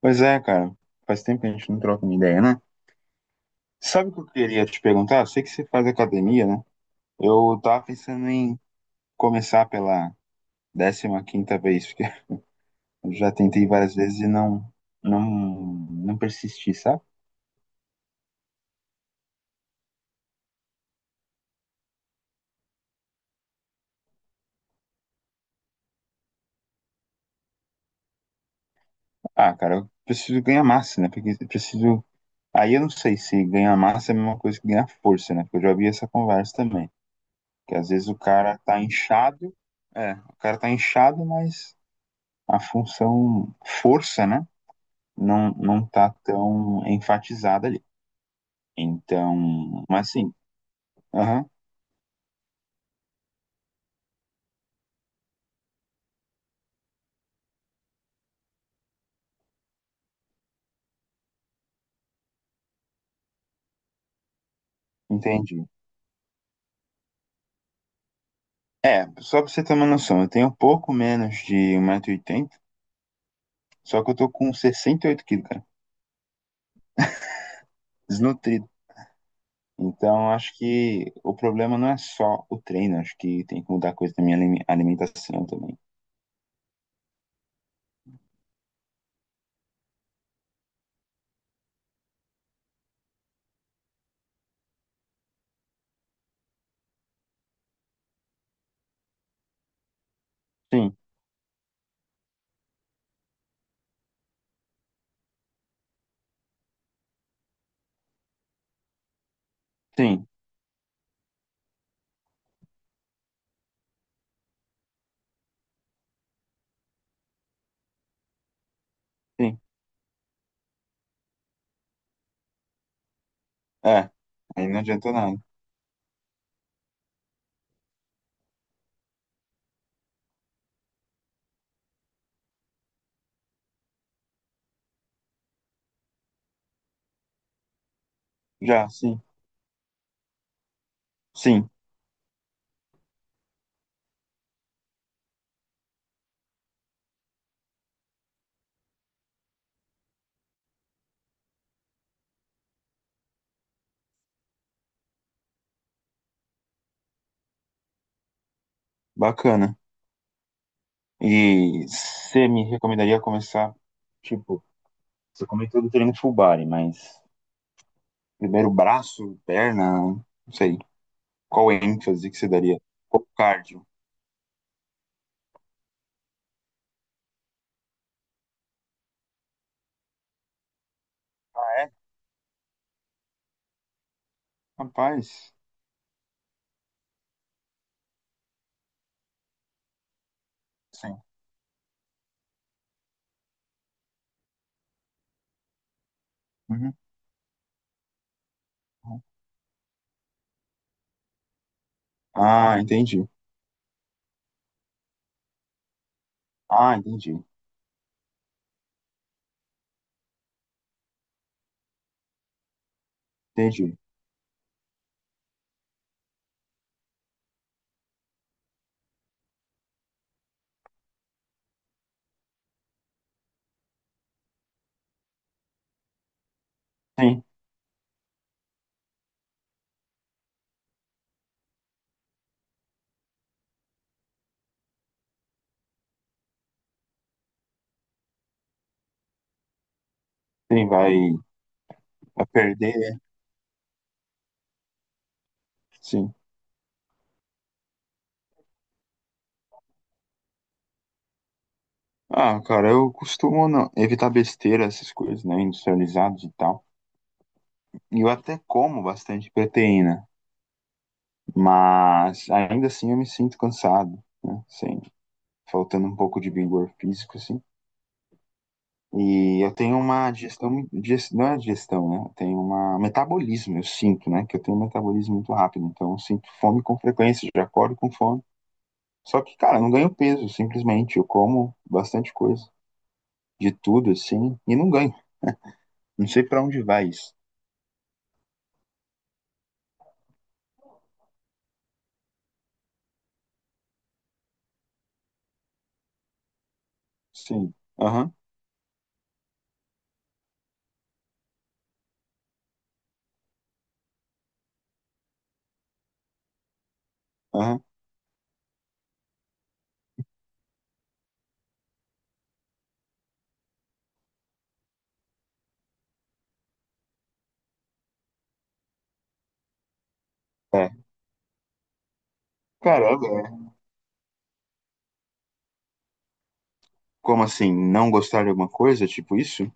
Pois é, cara. Faz tempo que a gente não troca uma ideia, né? Sabe o que eu queria te perguntar? Eu sei que você faz academia, né? Eu tava pensando em começar pela 15ª vez, porque eu já tentei várias vezes e não, não persisti, sabe? Ah, cara, eu preciso ganhar massa, né? Porque eu preciso... Aí eu não sei se ganhar massa é a mesma coisa que ganhar força, né? Porque eu já vi essa conversa também. Que às vezes o cara tá inchado, o cara tá inchado, mas a função força, né? Não tá tão enfatizada ali. Então, mas sim, aham, entendi. É, só pra você ter uma noção, eu tenho um pouco menos de 1,80 m, só que eu tô com 68 quilos, cara, desnutrido. Então, acho que o problema não é só o treino, acho que tem que mudar coisa da minha alimentação também. Sim, sim, sim. É, aí não adiantou nada. Já, sim, sim, bacana. E você me recomendaria começar, tipo, você comentou do treino full body, mas primeiro braço, perna, não sei. Qual ênfase que você daria? Qual cardio? Ah, é? Rapaz, sim. Uhum. Ah, entendi. Ah, entendi. Entendi. Sim, sim, vai perder, né? Sim. Ah, cara, eu costumo evitar besteira, essas coisas, né, industrializados e tal. E eu até como bastante proteína, mas ainda assim eu me sinto cansado, né, assim, faltando um pouco de vigor físico, assim. E eu tenho uma não é digestão, né? Eu tenho uma um metabolismo, eu sinto, né? Que eu tenho um metabolismo muito rápido, então eu sinto fome com frequência, já acordo com fome. Só que, cara, eu não ganho peso, simplesmente. Eu como bastante coisa, de tudo, assim, e não ganho. Não sei pra onde vai isso. Sim. Aham, aham. É. Cara, é. Como assim? Não gostar de alguma coisa, tipo isso?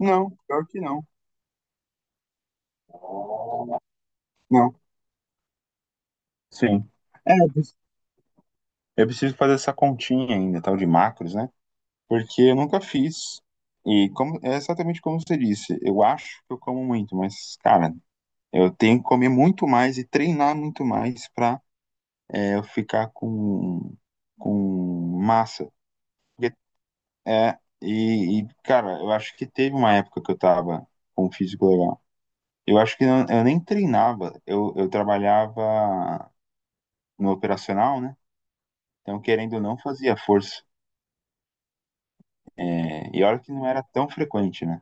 Não, pior que não. Não. Sim. É, eu preciso fazer essa continha ainda, tal de macros, né? Porque eu nunca fiz. E como, é exatamente como você disse. Eu acho que eu como muito, mas, cara, eu tenho que comer muito mais e treinar muito mais pra eu ficar com massa. Porque, é, e, cara, eu acho que teve uma época que eu tava com um físico legal. Eu acho que eu nem treinava. Eu trabalhava no operacional, né? Então, querendo ou não, fazia força. É, e olha que não era tão frequente, né?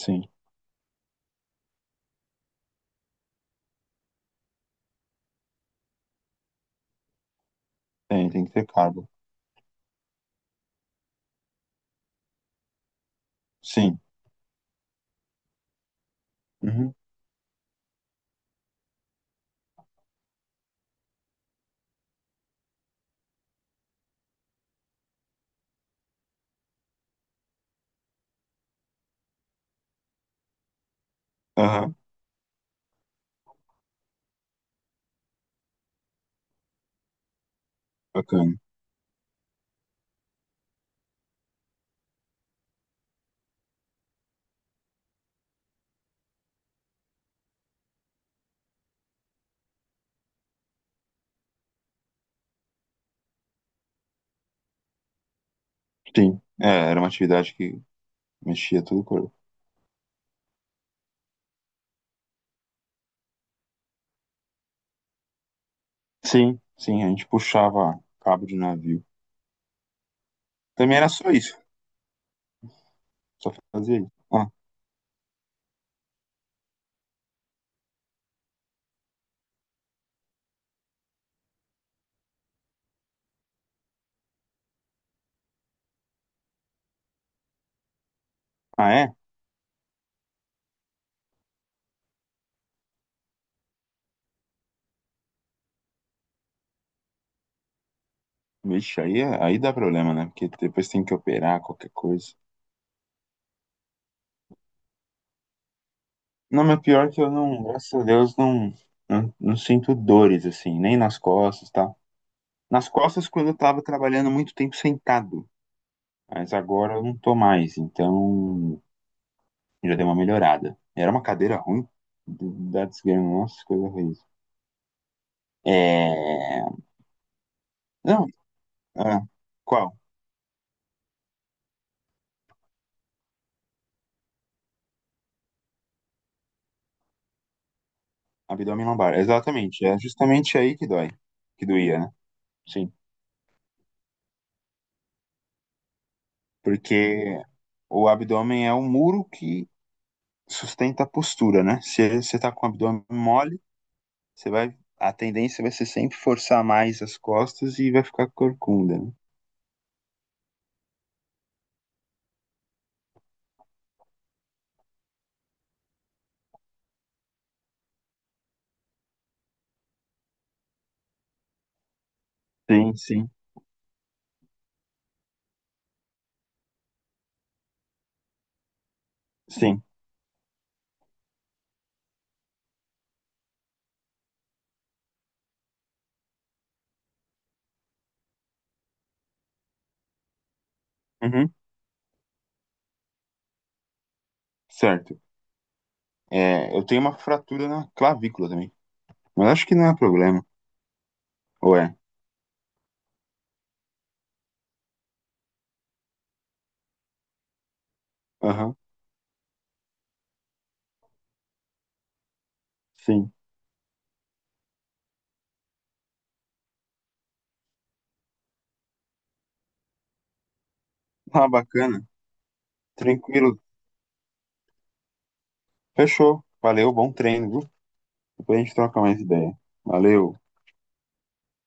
Sim, tem, que ter carbo. Sim. Uhum. Aham, bacana. Sim, é, era uma atividade que mexia todo o corpo. Sim, sim, a gente puxava cabo de navio. Também era só isso, só fazia isso. Ah, ah, é? Vixe, aí dá problema, né? Porque depois tem que operar qualquer coisa. Não, mas pior que eu não, graças a Deus, não sinto dores, assim, nem nas costas, tá? Nas costas, quando eu tava trabalhando muito tempo sentado, mas agora eu não tô mais, então já deu uma melhorada. Era uma cadeira ruim da desgrama, nossa, coisa ruim. É... Não, ah, qual? Abdômen lombar, exatamente. É justamente aí que dói, que doía, né? Sim. Porque o abdômen é um muro que sustenta a postura, né? Se você tá com o abdômen mole, a tendência vai ser sempre forçar mais as costas e vai ficar corcunda, né? Sim, sim, sim. Uhum, certo. É, eu tenho uma fratura na clavícula também, mas acho que não é problema. Ué, aham, sim. Ah, bacana. Tranquilo. Fechou. Valeu, bom treino, viu? Depois a gente troca mais ideia. Valeu.